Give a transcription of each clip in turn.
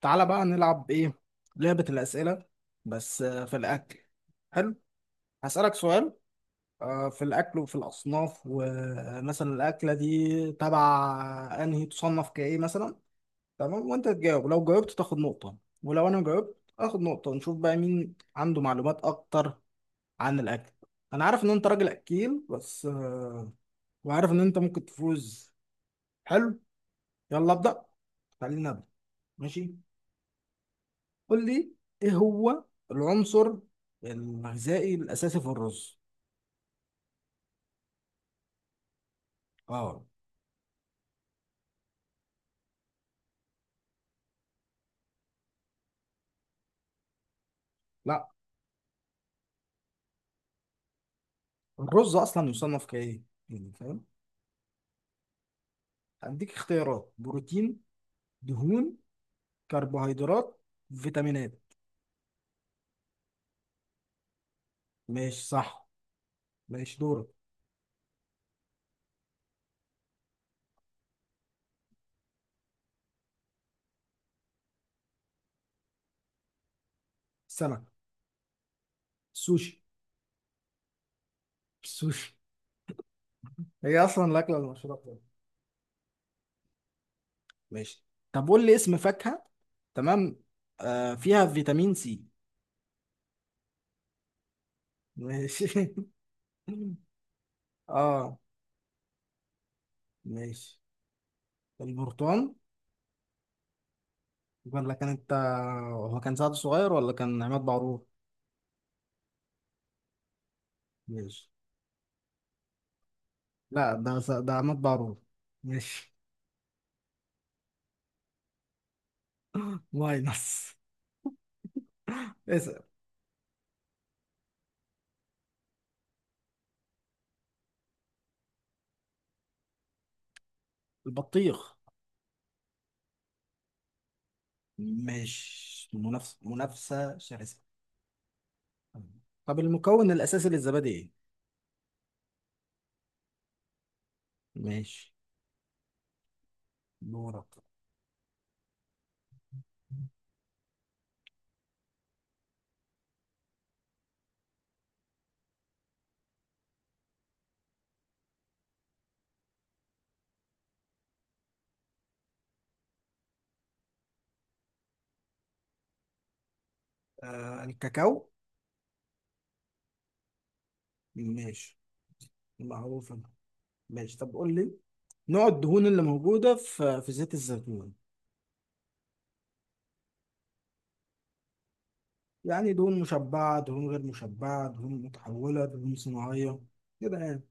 تعالى بقى نلعب ايه؟ لعبة الأسئلة، بس في الأكل. حلو. هسألك سؤال. في الأكل وفي الأصناف، ومثلا الأكلة دي تبع أنهي، تصنف كإيه مثلا. تمام، وأنت تجاوب، لو جاوبت تاخد نقطة، ولو أنا جاوبت آخد نقطة، ونشوف بقى مين عنده معلومات أكتر عن الأكل. أنا عارف إن أنت راجل أكيل، بس وعارف إن أنت ممكن تفوز. حلو، يلا أبدأ. خلينا نبدأ. ماشي، قول لي، ايه هو العنصر الغذائي الاساسي في الرز؟ اه. لا. الرز اصلا يصنف كايه؟ يعني فاهم. هديك اختيارات: بروتين، دهون، كربوهيدرات، فيتامينات. ماشي صح. ماشي دورك. سمك. سوشي. سوشي، هي اصلا الاكله المشهوره بتاعتنا. ماشي. طب قول لي اسم فاكهه. تمام، فيها فيتامين سي. ماشي. اه. ماشي. البرتقال. ولا كان انت، هو كان سعد صغير ولا كان عماد بعرور؟ ماشي. لا، ده عماد بعرور. ماشي. ماينس. اسأل. البطيخ. ماشي، منافسة شرسة. طب المكون الأساسي للزبادي ايه؟ ماشي دورك. الكاكاو. ماشي. معروفة. ماشي، طب قول لي نوع الدهون اللي موجودة في زيت الزيتون. يعني دهون مشبعة، دهون غير مشبعة، دهون متحولة، دهون صناعية. كده يعني.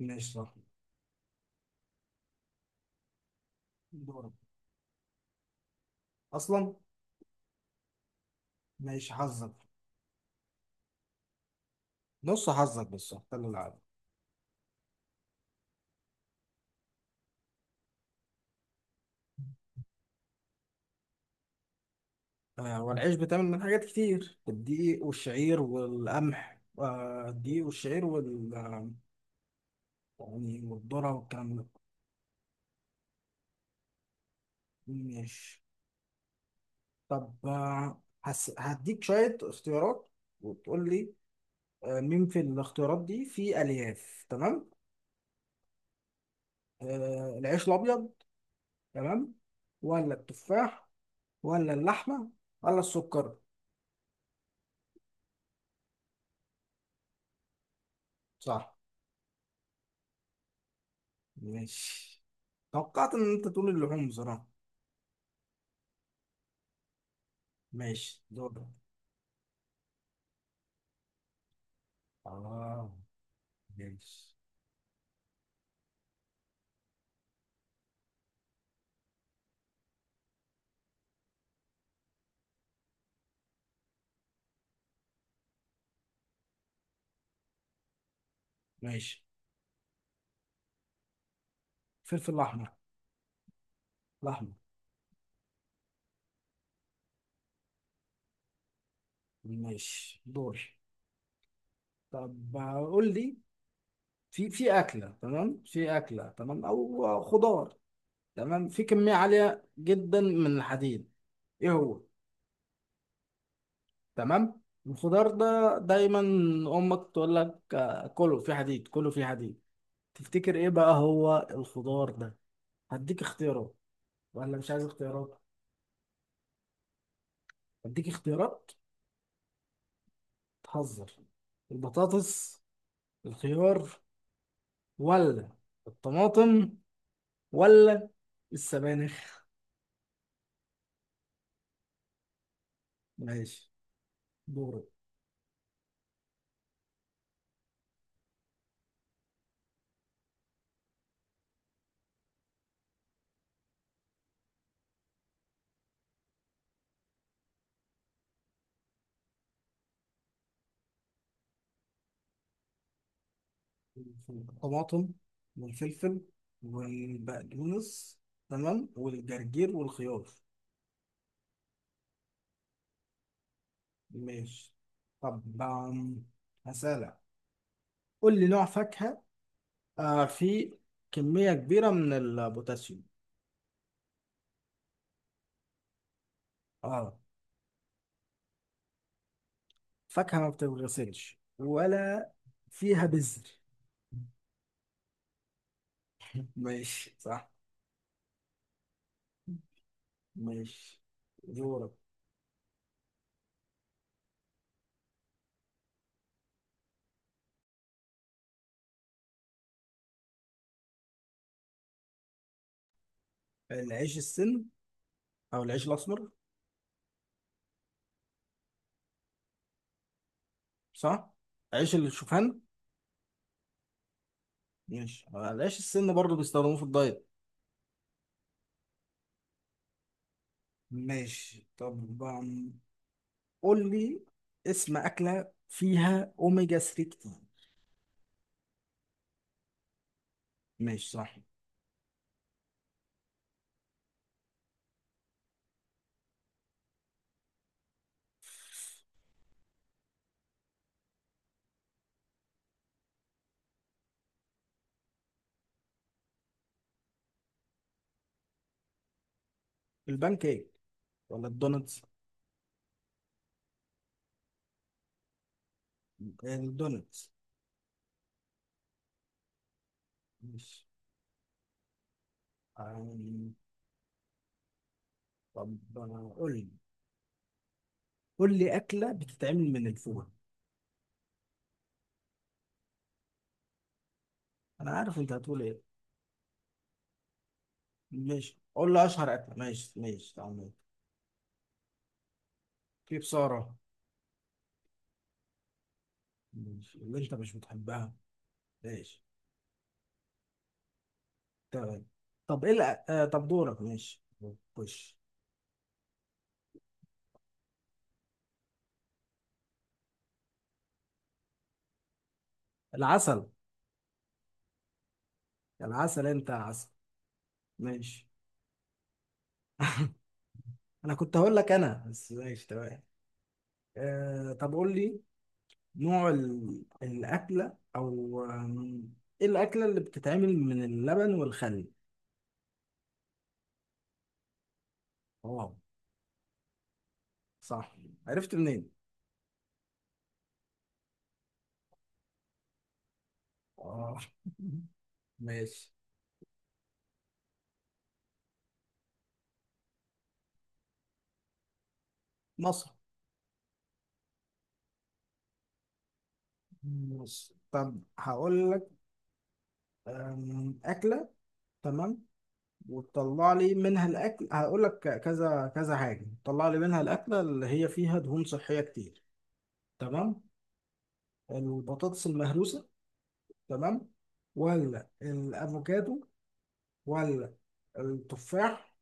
ماشي صح. دورك. اصلا. ماشي حظك، نص حظك، بس اختار العادي. والعيش بتعمل من حاجات كتير، الدقيق والشعير والقمح، آه الدقيق والشعير وال يعني والذرة والكلام ده. ماشي. طب هديك شوية اختيارات وتقول لي، مين في الاختيارات دي فيه ألياف. تمام، العيش الأبيض، تمام، ولا التفاح، ولا اللحمة، ولا السكر؟ صح. ماشي، توقعت ان انت تقول اللحوم بصراحة. ماشي دور. اه. ماشي ماشي. فلفل احمر. الاحمر. ماشي دور. طب قول لي، في اكله، تمام، او خضار، تمام، في كميه عاليه جدا من الحديد. ايه هو؟ تمام، الخضار ده دايما امك تقول لك، كله في حديد، كله في حديد. تفتكر ايه بقى هو الخضار ده؟ هديك اختيارات، ولا مش عايز اختيارات؟ هديك اختيارات. تهزر. البطاطس، الخيار، ولا الطماطم، ولا السبانخ؟ ماشي دورك. الطماطم والفلفل والبقدونس، تمام، والجرجير والخيار. ماشي، طب هسألك، قول لي نوع فاكهة فيه كمية كبيرة من البوتاسيوم. اه، فاكهة ما بتتغسلش ولا فيها بذر. ماشي صح. ماشي دورك. العيش السن، او العيش الاسمر. صح. عيش الشوفان. ماشي. العيش السن برضو بيستخدموه في الدايت. ماشي طبعا. قول لي اسم اكله فيها اوميجا 3 كتير. ماشي صح. البان كيك ولا الدونتس؟ الدونتس. ماشي. آم، طب آه، قول لي اكله بتتعمل من الفول. انا عارف انت هتقول ايه. ماشي، قول لي اشهر اكله. ماشي ماشي تمام. في بصاره. ماشي، اللي انت مش بتحبها. ماشي. تمام. طب ايه الأ- آه طب دورك. ماشي. خش. العسل. العسل، انت عسل. ماشي. انا كنت هقول لك انا بس. ماشي تمام. طب قول لي نوع الاكله، او ايه الاكله اللي بتتعمل من اللبن والخل. اه. صح. عرفت منين؟ اه. ماشي. مصر. مصر، طب هقول لك اكله، تمام، وتطلع لي منها الاكل، هقول لك كذا كذا حاجه تطلع لي منها الاكله اللي هي فيها دهون صحيه كتير. تمام، البطاطس المهروسه، تمام، ولا الافوكادو، ولا التفاح،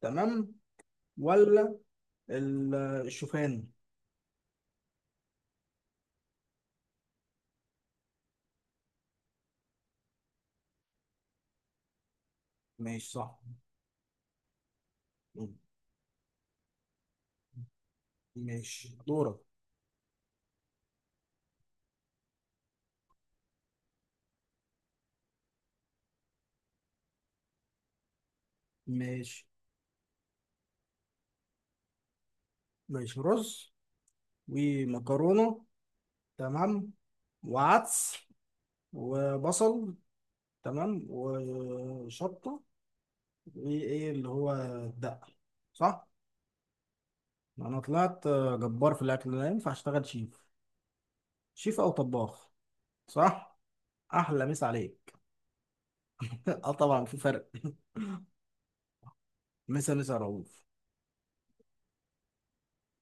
تمام، ولا ال- الشوفان؟ ماشي صح. ماشي دورك. ماشي. ماشي رز ومكرونه، تمام، وعدس وبصل، تمام، وشطه. ايه ايه اللي هو، الدقة، صح؟ انا طلعت جبار في الاكل، لا ينفع اشتغل شيف. شيف او طباخ، صح؟ احلى مسا عليك. اه طبعا في فرق. مسا مسا رؤوف.